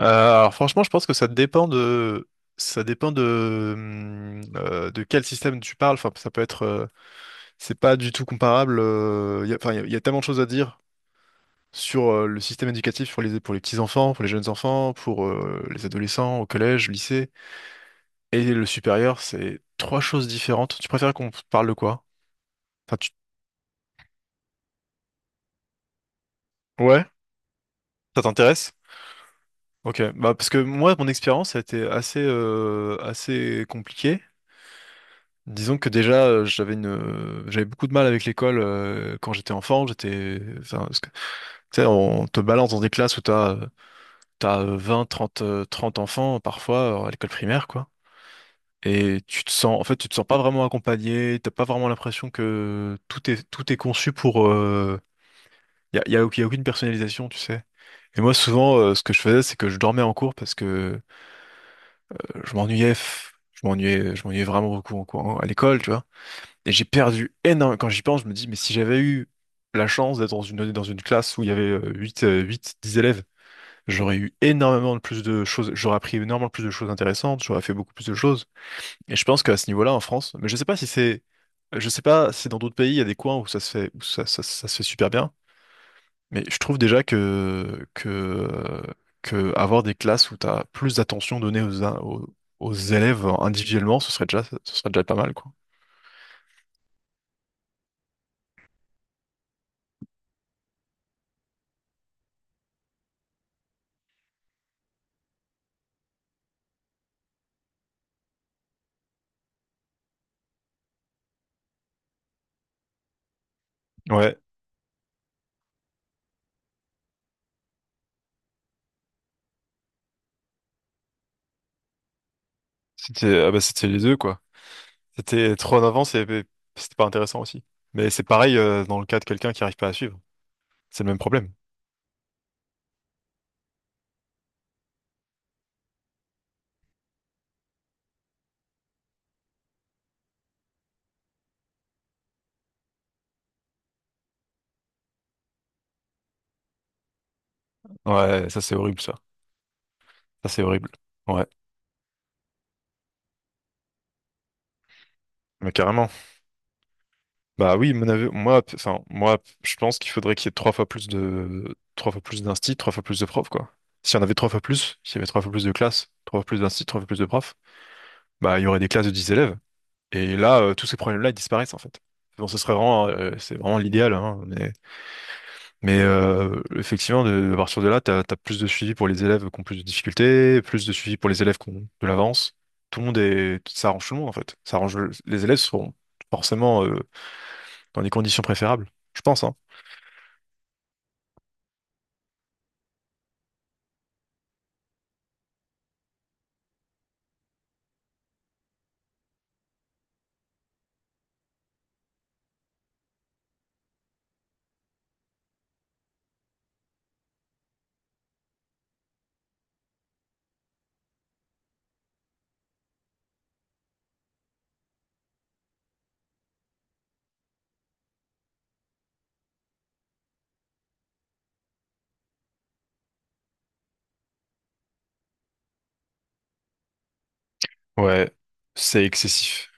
Alors franchement, je pense que ça dépend de quel système tu parles. Enfin, ça peut être c'est pas du tout comparable. Enfin, il y a tellement de choses à dire sur le système éducatif pour les petits enfants, pour les jeunes enfants, pour les adolescents au collège, lycée et le supérieur. C'est trois choses différentes. Tu préfères qu'on parle de quoi? Enfin, ouais, ça t'intéresse? Ok, bah parce que moi, mon expérience a été assez compliquée. Disons que déjà, j'avais beaucoup de mal avec l'école quand j'étais enfant. Enfin, parce que, tu sais, on te balance dans des classes où t'as 20, 30 30 enfants parfois à l'école primaire, quoi. Et tu te sens, en fait, tu te sens pas vraiment accompagné. T'as pas vraiment l'impression que tout est conçu pour. Y a aucune personnalisation, tu sais. Et moi, souvent, ce que je faisais, c'est que je dormais en cours parce que je m'ennuyais, f- je m'ennuyais vraiment beaucoup en cours, à l'école, tu vois. Et j'ai perdu énormément. Quand j'y pense, je me dis, mais si j'avais eu la chance d'être dans une classe où il y avait 8 10 élèves, j'aurais eu énormément de plus de choses, j'aurais appris énormément plus de choses intéressantes, j'aurais fait beaucoup plus de choses. Et je pense qu'à ce niveau-là, en France, mais je sais pas si dans d'autres pays, il y a des coins où ça se fait, ça se fait super bien, mais je trouve déjà que avoir des classes où tu as plus d'attention donnée aux élèves individuellement, ce serait déjà pas mal, quoi. Ouais, c'était les deux quoi. C'était trop en avance et c'était pas intéressant aussi. Mais c'est pareil dans le cas de quelqu'un qui arrive pas à suivre. C'est le même problème. Ouais, ça c'est horrible ça. Ça c'est horrible. Ouais, mais carrément. Bah oui, mon avis- moi, p- enfin, moi, p- je pense qu'il faudrait qu'il y ait trois fois plus d'instit, trois fois plus de profs, quoi. Si on avait trois fois plus, s'il y avait trois fois plus de classes, trois fois plus d'instit, trois fois plus de profs, bah, il y aurait des classes de 10 élèves. Et là, tous ces problèmes-là, ils disparaissent, en fait. Bon, c'est vraiment l'idéal, hein, mais effectivement, à partir de là, t'as plus de suivi pour les élèves qui ont plus de difficultés, plus de suivi pour les élèves qui ont de l'avance. Tout le monde est, Ça arrange tout le monde, en fait. Les élèves seront forcément, dans des conditions préférables, je pense, hein. Ouais, c'est excessif.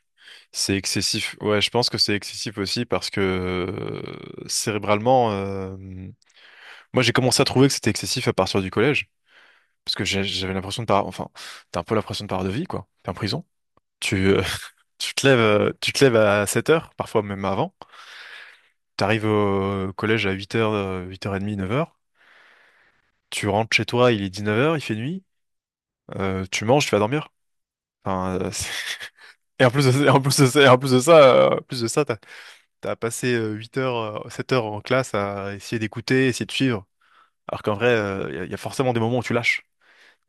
C'est excessif. Ouais, je pense que c'est excessif aussi parce que cérébralement, moi j'ai commencé à trouver que c'était excessif à partir du collège parce que j'ai- j'avais l'impression de par, enfin, t'as un peu l'impression de par de vie quoi. T'es en prison. Tu, euh, tu te lèves à 7 heures, parfois même avant. T'arrives au collège à 8 heures, 8h30, 9 heures. Tu rentres chez toi, il est 19 heures, il fait nuit, tu manges, tu vas dormir. Enfin. et en plus de ça, et en plus de ça, et en plus de ça, t'as passé 8 heures, 7 heures en classe à essayer d'écouter, essayer de suivre. Alors qu'en vrai, il y a forcément des moments où tu lâches.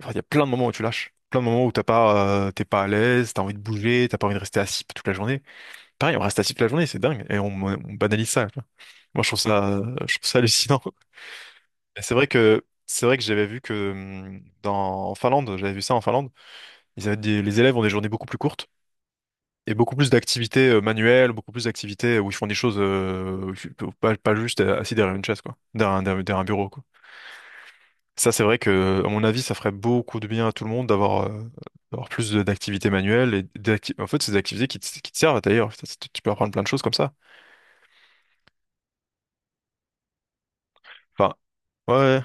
Enfin, il y a plein de moments où tu lâches. Plein de moments où t'es pas à l'aise, t'as envie de bouger, t'as pas envie de rester assis toute la journée. Pareil, on reste assis toute la journée, c'est dingue. Et on banalise ça, quoi. Moi, je trouve ça hallucinant. Et c'est vrai que j'avais vu que en Finlande, j'avais vu ça en Finlande. Les élèves ont des journées beaucoup plus courtes et beaucoup plus d'activités manuelles, beaucoup plus d'activités où ils font des choses pas juste assis derrière une chaise, quoi, derrière un bureau, quoi. Ça, c'est vrai que, à mon avis, ça ferait beaucoup de bien à tout le monde d'avoir plus d'activités manuelles en fait, c'est des activités qui qui te servent d'ailleurs. Tu peux apprendre plein de choses comme ça. Enfin, ouais. Ouais.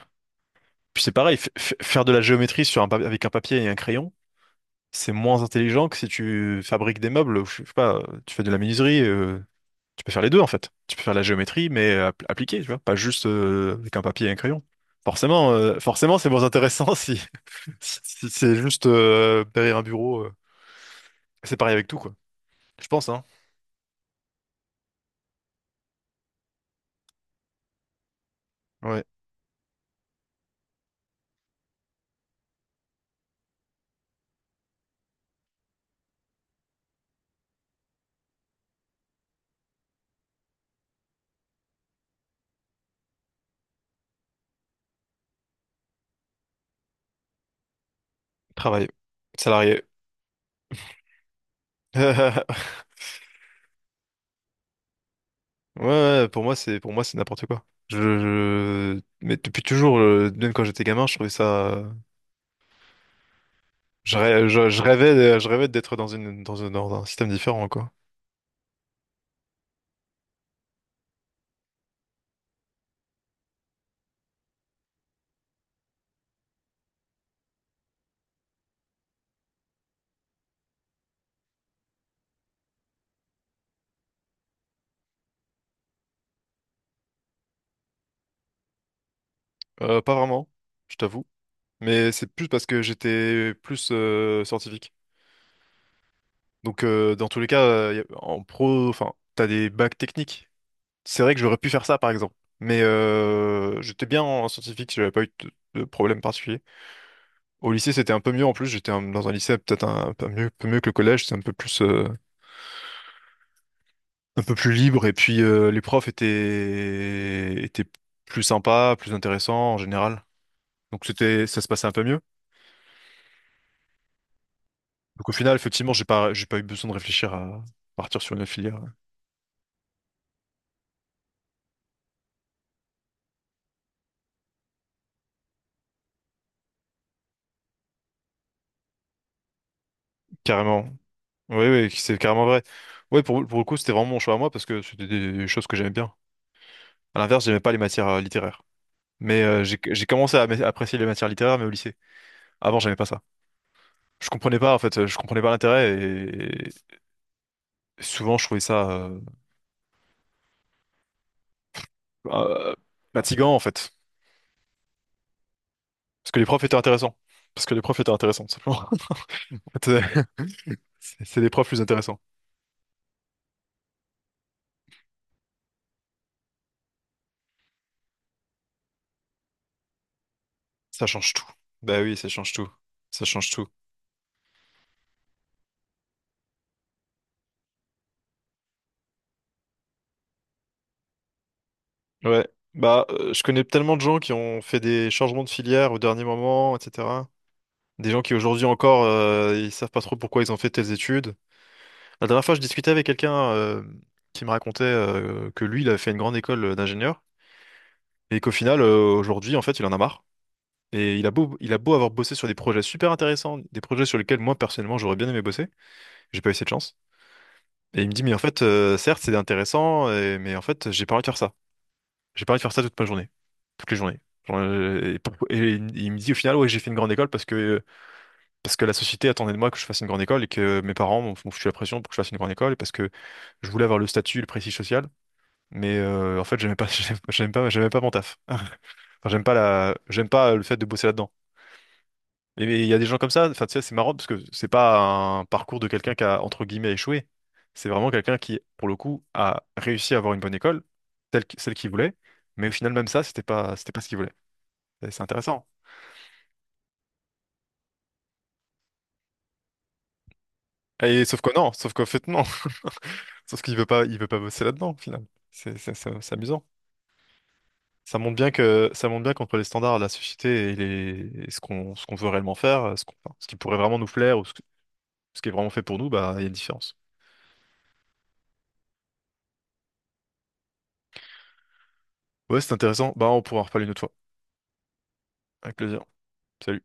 Puis c'est pareil, faire de la géométrie sur avec un papier et un crayon, c'est moins intelligent que si tu fabriques des meubles, ou je sais pas, tu fais de la menuiserie. Tu peux faire les deux en fait. Tu peux faire la géométrie, mais appliquée, tu vois, pas juste avec un papier et un crayon. Forcément, c'est moins intéressant si c'est juste derrière un bureau. C'est pareil avec tout, quoi. Je pense, hein. Ouais. Travail. Salarié. Ouais, ouais, pour moi, c'est n'importe quoi. Mais depuis toujours, même quand j'étais gamin, je trouvais ça. Je, rê- je rêvais, Je rêvais d'être dans un système différent, quoi. Pas vraiment, je t'avoue. Mais c'est plus parce que j'étais plus scientifique. Donc dans tous les cas, y a- en pro, enfin, t'as des bacs techniques. C'est vrai que j'aurais pu faire ça par exemple. Mais j'étais bien en scientifique, j'avais pas eu de problème particulier. Au lycée, c'était un peu mieux en plus. Dans un lycée peut-être un peu mieux, que le collège. C'est un peu plus libre. Et puis les profs étaient plus sympas, plus intéressants en général. Donc ça se passait un peu mieux. Donc au final, effectivement, j'ai pas eu besoin de réfléchir à partir sur une filière. Ouais. Carrément. Oui, oui, c'est carrément vrai. Oui, pour le coup, c'était vraiment mon choix à moi parce que c'était des choses que j'aimais bien. À l'inverse, j'aimais pas les matières littéraires. Mais j'ai commencé à apprécier les matières littéraires, mais au lycée. Avant, j'aimais pas ça. Je comprenais pas, en fait, je comprenais pas l'intérêt et souvent, je trouvais ça euh, fatigant, en fait. Parce que les profs étaient intéressants. Parce que les profs étaient intéressants, tout simplement. C'est c'est les profs plus intéressants. Ça change tout. Bah oui, ça change tout. Ça change tout. Ouais. Bah, je connais tellement de gens qui ont fait des changements de filière au dernier moment, etc. Des gens qui aujourd'hui encore, ils savent pas trop pourquoi ils ont fait telles études. La dernière fois, je discutais avec quelqu'un qui me racontait que lui, il avait fait une grande école d'ingénieur et qu'au final, aujourd'hui, en fait, il en a marre. Et il a beau avoir bossé sur des projets super intéressants, des projets sur lesquels moi, personnellement, j'aurais bien aimé bosser. J'ai pas eu cette chance. Et il me dit, mais en fait, certes, c'est intéressant, mais en fait, j'ai pas envie de faire ça. J'ai pas envie de faire ça toute ma journée. Toutes les journées. Genre, il me dit au final, ouais, j'ai fait une grande école parce que la société attendait de moi que je fasse une grande école et que mes parents m'ont foutu la pression pour que je fasse une grande école et parce que je voulais avoir le statut, le prestige social. Mais en fait, j'aimais pas, j'aimais pas mon taf. Enfin, j'aime pas le fait de bosser là-dedans. Mais il y a des gens comme ça, enfin, tu sais, c'est marrant parce que c'est pas un parcours de quelqu'un qui a, entre guillemets, échoué. C'est vraiment quelqu'un qui, pour le coup, a réussi à avoir une bonne école, celle qu'il voulait, mais au final, même ça, c'était pas ce qu'il voulait. Et c'est intéressant. Et sauf que non, sauf qu'en fait, non. Sauf qu'il veut pas bosser là-dedans, au final. C'est amusant. Ça montre bien qu'entre les standards de la société et ce qu'on, veut réellement faire, enfin, ce qui pourrait vraiment nous plaire ou ce qui est vraiment fait pour nous, bah, il y a une différence. Ouais, c'est intéressant. Bah, on pourra en reparler une autre fois. Avec plaisir. Salut.